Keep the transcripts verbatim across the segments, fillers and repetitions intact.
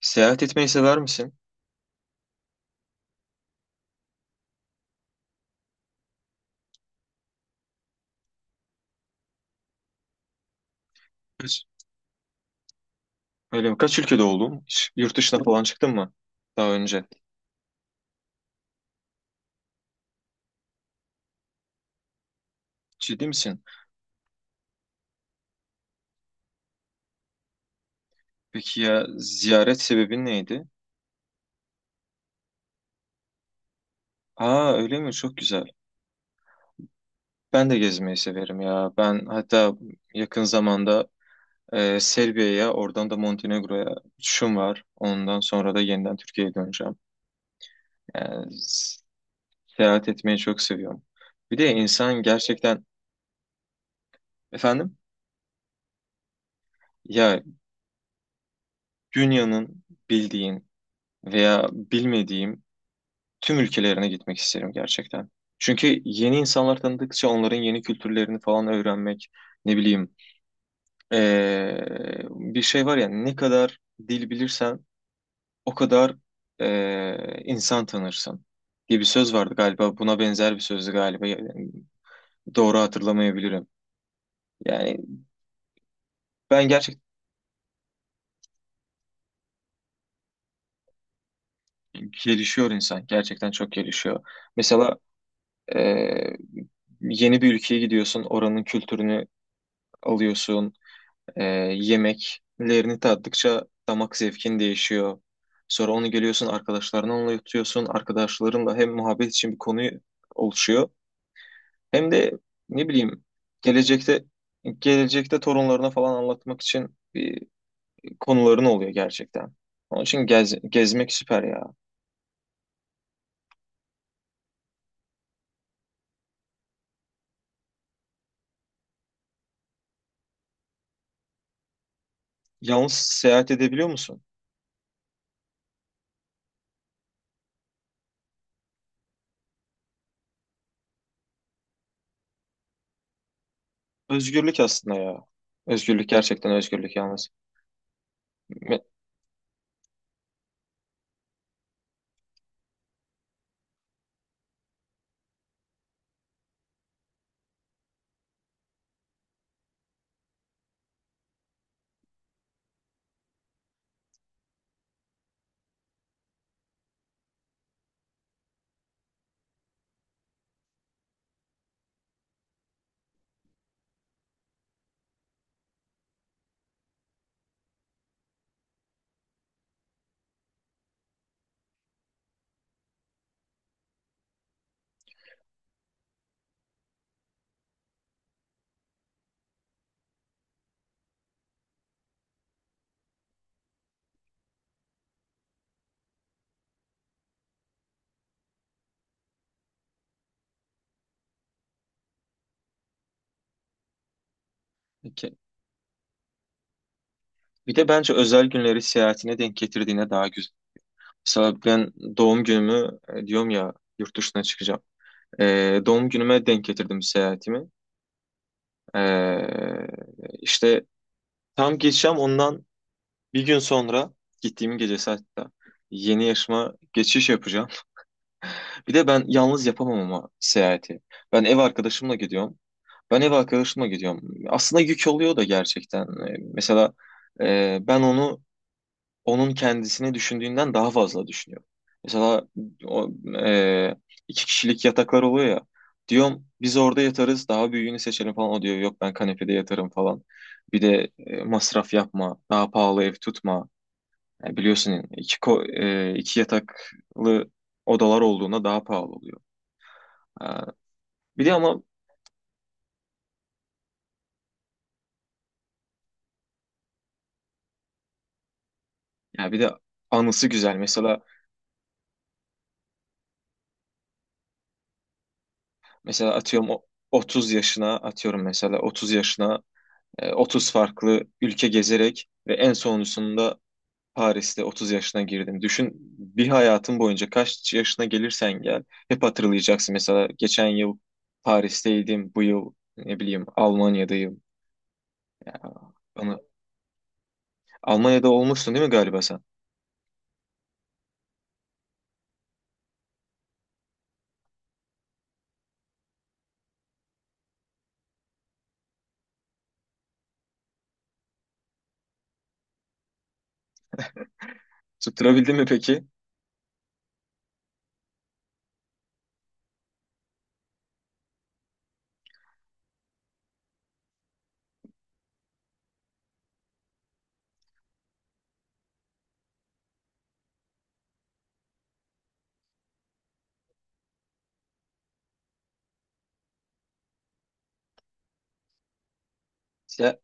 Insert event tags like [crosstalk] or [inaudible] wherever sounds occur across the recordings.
Seyahat etmeyi sever misin? Kaç, öyle mi? Kaç ülkede oldun? Hiç yurt dışına falan çıktın mı daha önce? Ciddi misin? Peki ya ziyaret sebebin neydi? Aa öyle mi? Çok güzel. Ben de gezmeyi severim ya. Ben hatta yakın zamanda e, Serbia'ya, oradan da Montenegro'ya uçuşum var. Ondan sonra da yeniden Türkiye'ye döneceğim. Yani s- Seyahat etmeyi çok seviyorum. Bir de insan gerçekten efendim ya dünyanın bildiğin veya bilmediğim tüm ülkelerine gitmek isterim gerçekten. Çünkü yeni insanlar tanıdıkça onların yeni kültürlerini falan öğrenmek, ne bileyim, eee, bir şey var ya ne kadar dil bilirsen o kadar eee, insan tanırsın diye bir söz vardı galiba. Buna benzer bir sözdü galiba. Yani doğru hatırlamayabilirim. Yani ben gerçekten gelişiyor insan. Gerçekten çok gelişiyor. Mesela eee, yeni bir ülkeye gidiyorsun, oranın kültürünü alıyorsun, Ee, yemeklerini tattıkça damak zevkin değişiyor. Sonra onu geliyorsun arkadaşlarına anlatıyorsun. Arkadaşlarınla hem muhabbet için bir konu oluşuyor. Hem de ne bileyim gelecekte gelecekte torunlarına falan anlatmak için bir konuların oluyor gerçekten. Onun için gez, gezmek süper ya. Yalnız seyahat edebiliyor musun? Özgürlük aslında ya. Özgürlük gerçekten özgürlük yalnız. Me- Peki. Bir de bence özel günleri seyahatine denk getirdiğine daha güzel. Mesela ben doğum günümü e, diyorum ya yurt dışına çıkacağım. E, doğum günüme denk getirdim seyahatimi. E, işte tam geçeceğim ondan bir gün sonra gittiğim gecesi hatta yeni yaşıma geçiş yapacağım. [laughs] Bir de ben yalnız yapamam ama seyahati. Ben ev arkadaşımla gidiyorum. Ben ev arkadaşımla gidiyorum. Aslında yük oluyor da gerçekten. E, mesela e, ben onu onun kendisini düşündüğünden daha fazla düşünüyor. Mesela o, e, iki kişilik yataklar oluyor ya. Diyorum biz orada yatarız daha büyüğünü seçelim falan. O diyor yok ben kanepede yatarım falan. Bir de e, masraf yapma, daha pahalı ev tutma. Yani biliyorsun iki, ko- e, iki yataklı odalar olduğunda daha pahalı oluyor. Ha, bir de ama ya bir de anısı güzel. Mesela mesela atıyorum o- otuz yaşına. Atıyorum mesela otuz yaşına, E, otuz farklı ülke gezerek ve en sonuncusunda Paris'te otuz yaşına girdim. Düşün, bir hayatın boyunca kaç yaşına gelirsen gel hep hatırlayacaksın. Mesela geçen yıl Paris'teydim, bu yıl ne bileyim Almanya'dayım. Ya, Bana, Almanya'da olmuştun değil mi galiba sen? Tutturabildin mi peki? Ya,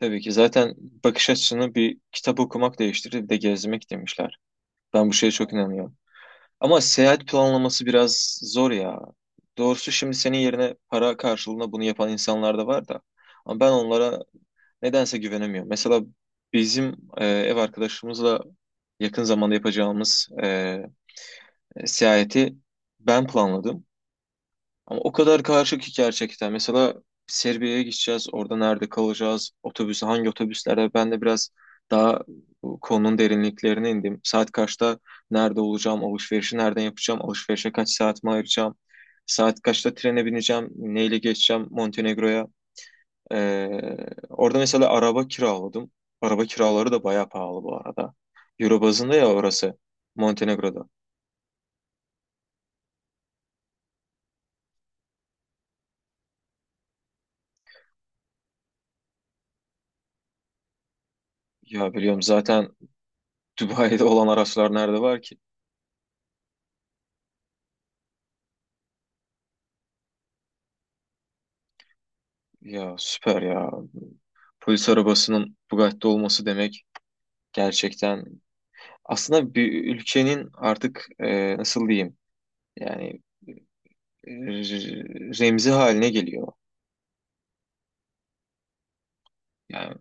tabii ki zaten bakış açısını bir kitap okumak değiştirir bir de gezmek demişler. Ben bu şeye çok inanıyorum. Ama seyahat planlaması biraz zor ya. Doğrusu şimdi senin yerine para karşılığında bunu yapan insanlar da var da. Ama ben onlara nedense güvenemiyorum. Mesela bizim e, ev arkadaşımızla yakın zamanda yapacağımız e, e, seyahati ben planladım. Ama o kadar karışık ki gerçekten. Mesela Serbia'ya gideceğiz. Orada nerede kalacağız? Otobüsü hangi otobüslerde? Ben de biraz daha bu konunun derinliklerine indim. Saat kaçta nerede olacağım? Alışverişi nereden yapacağım? Alışverişe kaç saatimi ayıracağım? Saat kaçta trene bineceğim? Neyle geçeceğim Montenegro'ya? Ee, Orada mesela araba kiraladım. Araba kiraları da bayağı pahalı bu arada. Euro bazında ya orası. Montenegro'da. Ya biliyorum zaten. [laughs] Dubai'de olan araçlar nerede var ki? Ya süper ya. Polis arabasının Bugatti'de olması demek gerçekten aslında bir ülkenin artık e, nasıl diyeyim, yani e, remzi haline geliyor. Yani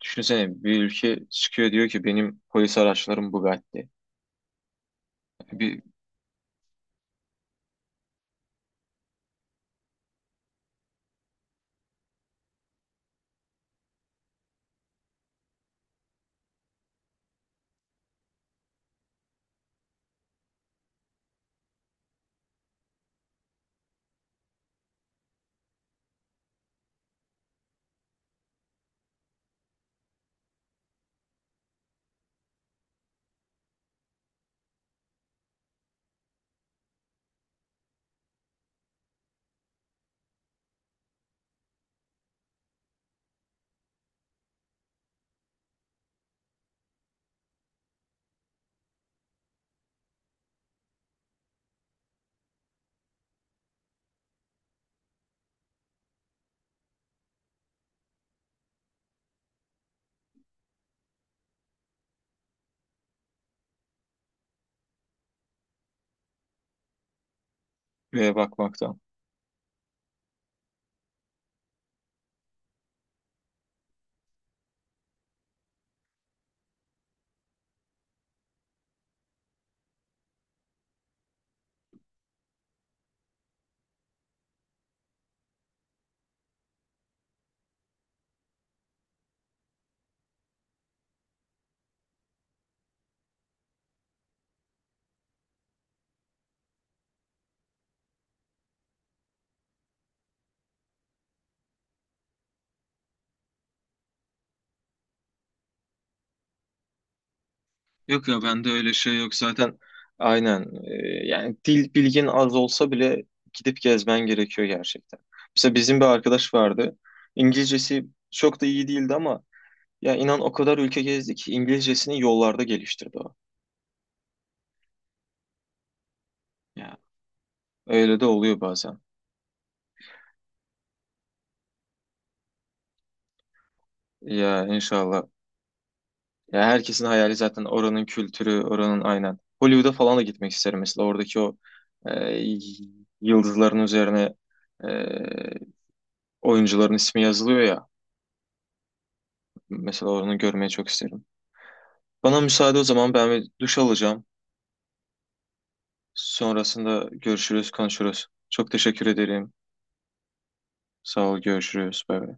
düşünsene bir ülke çıkıyor diyor ki benim polis araçlarım Bugatti. Yani Bir Buraya bakmaktan. Yok ya bende öyle şey yok zaten. Aynen. E, yani dil bilgin az olsa bile gidip gezmen gerekiyor gerçekten. Mesela bizim bir arkadaş vardı. İngilizcesi çok da iyi değildi ama ya inan o kadar ülke gezdi ki İngilizcesini yollarda geliştirdi o. Ya öyle de oluyor bazen. Ya inşallah. Ya herkesin hayali zaten oranın kültürü, oranın aynen. Hollywood'a falan da gitmek isterim mesela oradaki o e, yıldızların üzerine e, oyuncuların ismi yazılıyor ya. Mesela onu görmeyi çok isterim. Bana müsaade o zaman ben bir duş alacağım. Sonrasında görüşürüz, konuşuruz. Çok teşekkür ederim. Sağ ol, görüşürüz. Bay bay.